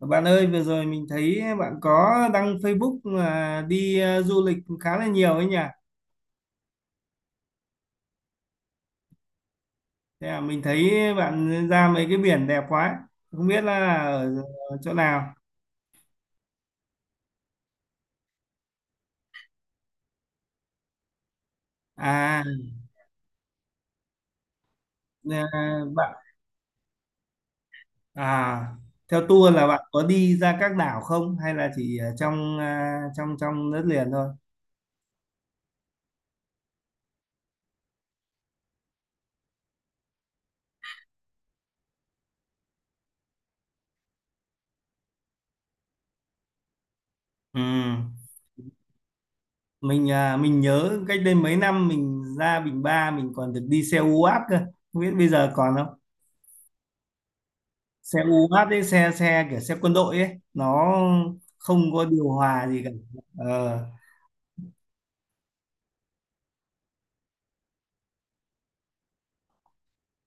Bạn ơi, vừa rồi mình thấy bạn có đăng Facebook là đi du lịch khá là nhiều ấy nhỉ? Thế à, mình thấy bạn ra mấy cái biển đẹp quá. Không biết là ở chỗ nào. À, à, bạn à theo tour là bạn có đi ra các đảo không hay là chỉ ở trong trong trong đất liền thôi? Ừ. Mình nhớ cách đây mấy năm mình ra Bình Ba mình còn được đi xe UAT cơ. Không biết bây giờ còn không? Xe u hát ấy, xe xe kiểu xe quân đội ấy nó không có điều hòa gì cả ờ.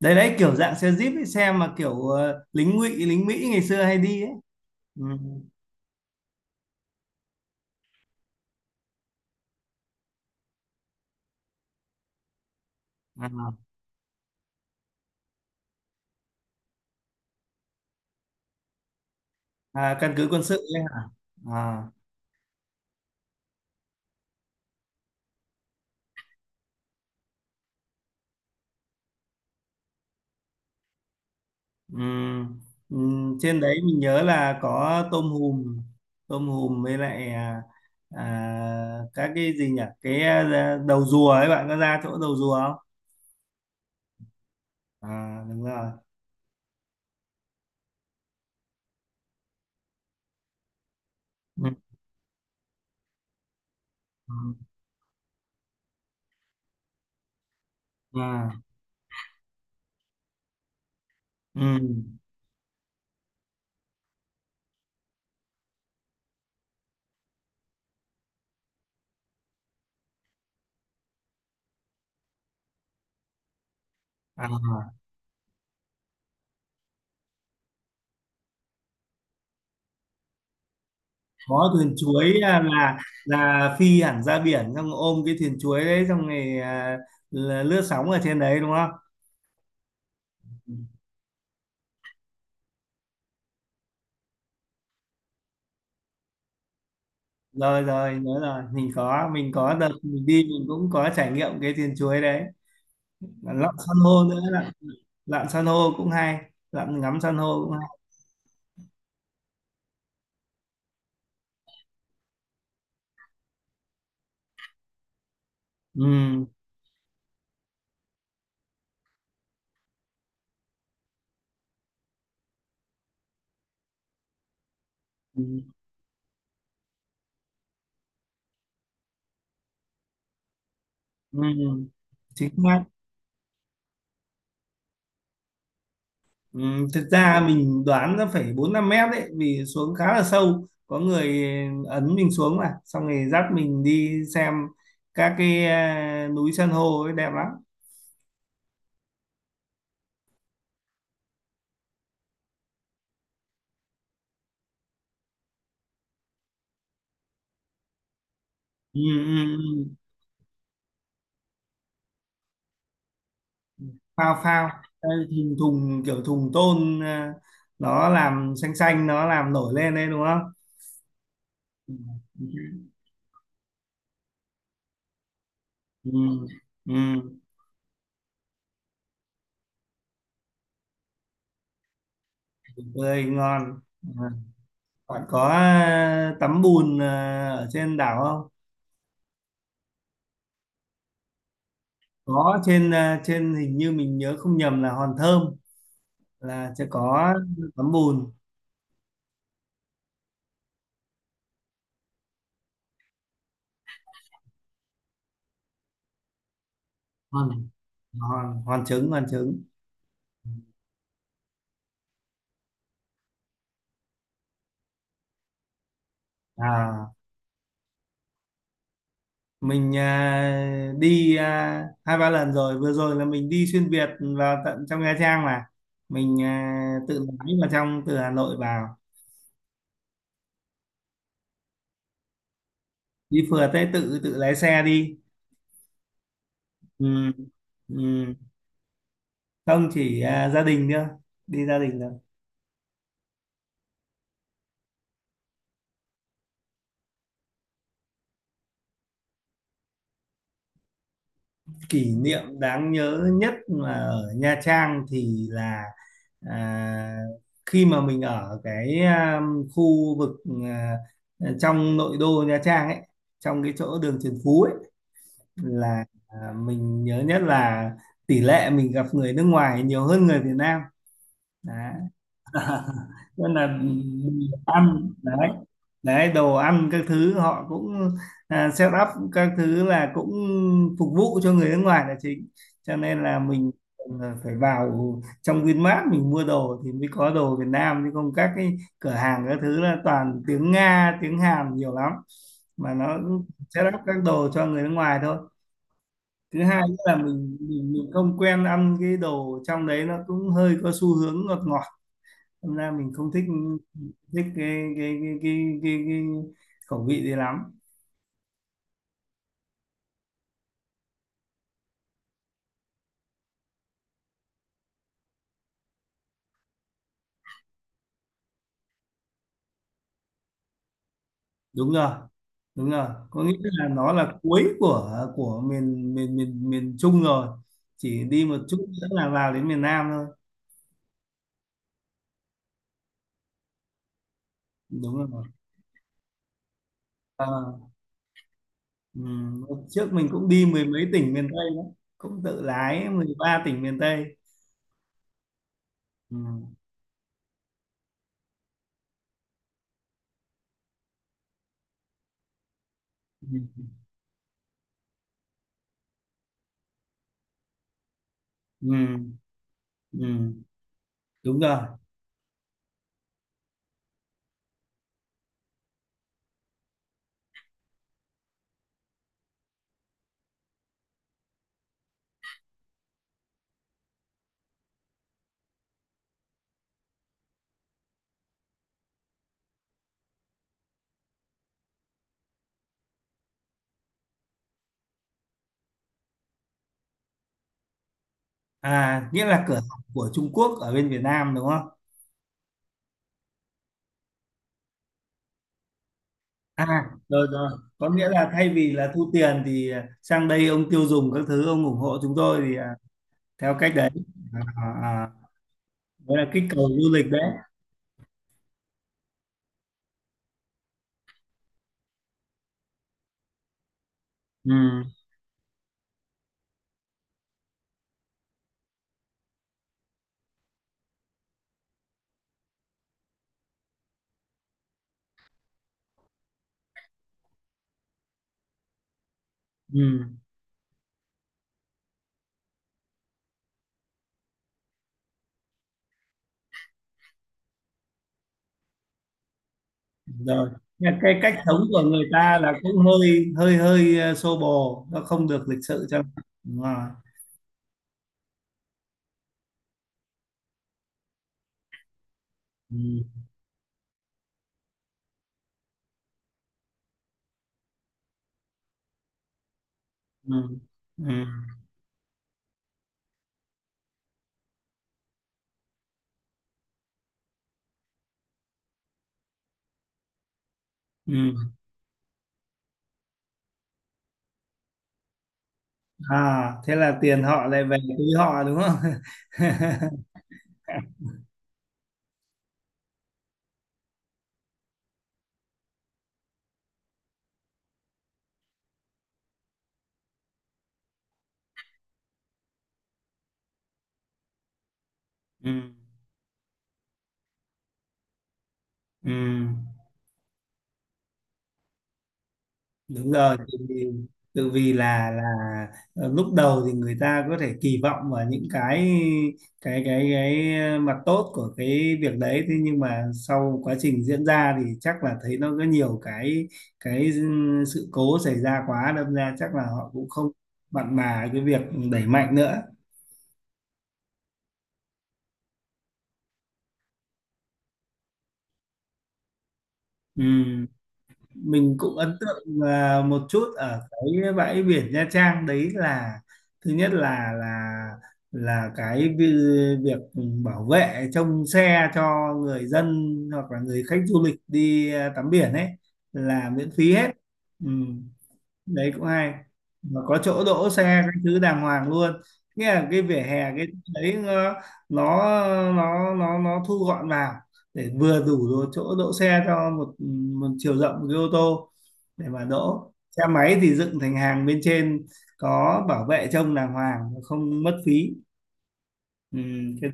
Đấy đấy kiểu dạng xe Jeep ấy, xe mà kiểu lính ngụy lính Mỹ ngày xưa hay đi ấy ừ. À, à, căn cứ quân sự ấy hả? À, ừ. Ừ. Trên đấy mình nhớ là có tôm hùm với lại các cái gì nhỉ, cái đầu rùa ấy, bạn có ra chỗ đầu rùa không? À, đúng rồi. Ừ. Ừ. À, ừ. à có thuyền chuối à, là phi hẳn ra biển xong ôm cái thuyền chuối đấy xong rồi là lướt sóng ở trên đấy đúng không? Rồi, rồi, nhớ rồi, mình có đợt mình đi mình cũng có trải nghiệm cái thuyền chuối đấy. Và lặn san hô nữa. Lặn lặn san hô cũng hay, lặn ngắm san hô cũng hay. Ừ, ừ, ừ. Chính xác. Ừ, thực ra mình đoán nó phải 4 5 mét đấy vì xuống khá là sâu. Có người ấn mình xuống mà xong rồi dắt mình đi xem các cái núi san hô ấy đẹp lắm. Ừ, ừ, ừ. Phao, phao. Đây, thùng thùng kiểu thùng tôn à, nó làm xanh xanh, nó làm nổi lên đấy đúng không? Ừ, ừ, ừ. Tuyệt vời, ngon. À, bạn có tắm bùn ở trên đảo không? Có. Trên hình như mình nhớ không nhầm là hòn thơm, là sẽ có tấm bùn. Ngon. Hòn hòn trứng, hòn trứng. À, mình đi hai ba lần rồi, vừa rồi là mình đi xuyên Việt, vào tận trong Nha Trang mà. Mình tự lái vào trong từ Hà Nội vào. Đi phượt, tới tự tự lái xe đi. Ừ. Ừ. Không, chỉ gia đình nữa, đi gia đình nữa. Kỷ niệm đáng nhớ nhất mà ở Nha Trang thì là à, khi mà mình ở cái khu vực à, trong nội đô Nha Trang ấy, trong cái chỗ đường Trần Phú ấy, là mình nhớ nhất là tỷ lệ mình gặp người nước ngoài nhiều hơn người Việt Nam. Đấy. Nên là ăn đấy, đấy đồ ăn các thứ họ cũng set up các thứ là cũng phục vụ cho người nước ngoài là chính, cho nên là mình phải vào trong Vinmart mình mua đồ thì mới có đồ Việt Nam, chứ không các cái cửa hàng các thứ là toàn tiếng Nga tiếng Hàn nhiều lắm, mà nó set up các đồ cho người nước ngoài thôi. Thứ hai nữa là mình không quen ăn cái đồ trong đấy, nó cũng hơi có xu hướng ngọt ngọt. Hôm nay mình không thích, thích cái khẩu vị đấy lắm. Đúng rồi, đúng rồi, có nghĩa là nó là cuối của miền miền miền miền Trung rồi, chỉ đi một chút nữa là vào đến miền Nam thôi. Đúng rồi. À, ừ. Hôm trước mình cũng đi mười mấy tỉnh miền Tây đó, cũng tự lái 13 tỉnh miền Tây. Ừ, ừ, ừ, ừ. Đúng rồi. À, nghĩa là cửa hàng của Trung Quốc ở bên Việt Nam đúng. À, rồi rồi. Có nghĩa là thay vì là thu tiền thì sang đây ông tiêu dùng các thứ, ông ủng hộ chúng tôi thì theo cách đấy. À, à, à. Đấy là kích cầu du lịch đấy. Ừ, ừ. Rồi. Nhưng mà cái cách sống của người ta là cũng hơi hơi hơi xô bồ, nó không được lịch sự cho. Đúng rồi. Ừ, ừ, ừ, ừ. À, thế là tiền họ lại về túi họ đúng không? Ừ, ừ. Đúng rồi, tự vì, là lúc đầu thì người ta có thể kỳ vọng vào những cái mặt tốt của cái việc đấy, thế nhưng mà sau quá trình diễn ra thì chắc là thấy nó có nhiều cái sự cố xảy ra quá, đâm ra chắc là họ cũng không mặn mà cái việc đẩy mạnh nữa. Ừ. Mình cũng ấn tượng một chút ở cái bãi biển Nha Trang đấy là thứ nhất là là cái việc bảo vệ trông xe cho người dân hoặc là người khách du lịch đi tắm biển ấy là miễn phí hết. Ừ, đấy cũng hay, mà có chỗ đỗ xe các thứ đàng hoàng luôn, nghĩa là cái vỉa hè cái đấy nó nó thu gọn vào để vừa đủ chỗ đỗ xe cho một một chiều rộng của cái ô tô, để mà đỗ xe máy thì dựng thành hàng bên trên, có bảo vệ trông đàng hoàng không mất phí. Ừ, cái,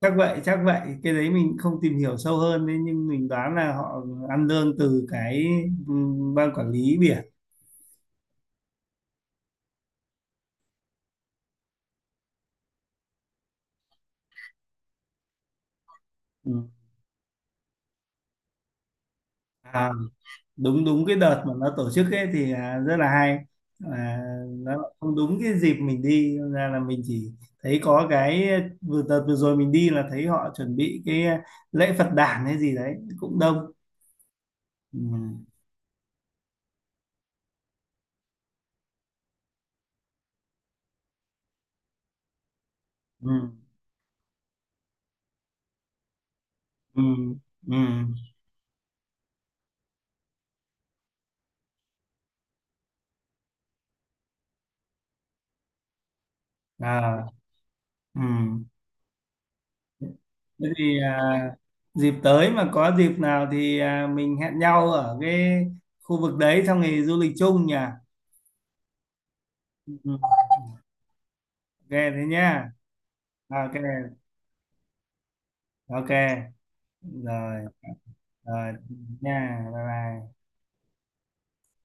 chắc vậy, chắc vậy, cái đấy mình không tìm hiểu sâu hơn đấy nhưng mình đoán là họ ăn lương từ cái, ừ, ban quản lý biển. Ừ. À, đúng đúng, cái đợt mà nó tổ chức ấy thì rất là hay. à, nó lại không đúng cái dịp mình đi nên ra là mình chỉ thấy có cái vừa đợt vừa rồi mình đi là thấy họ chuẩn bị cái lễ Phật đản hay gì đấy cũng đông. Ừ. Ừ. Ừ. Ừ. À. Ừ. Thế thì dịp tới mà có dịp nào thì mình hẹn nhau ở cái khu vực đấy xong thì du lịch chung nhỉ. Ừ. OK, thế nhá. OK. OK. Rồi. Rồi. Nha, bye bye.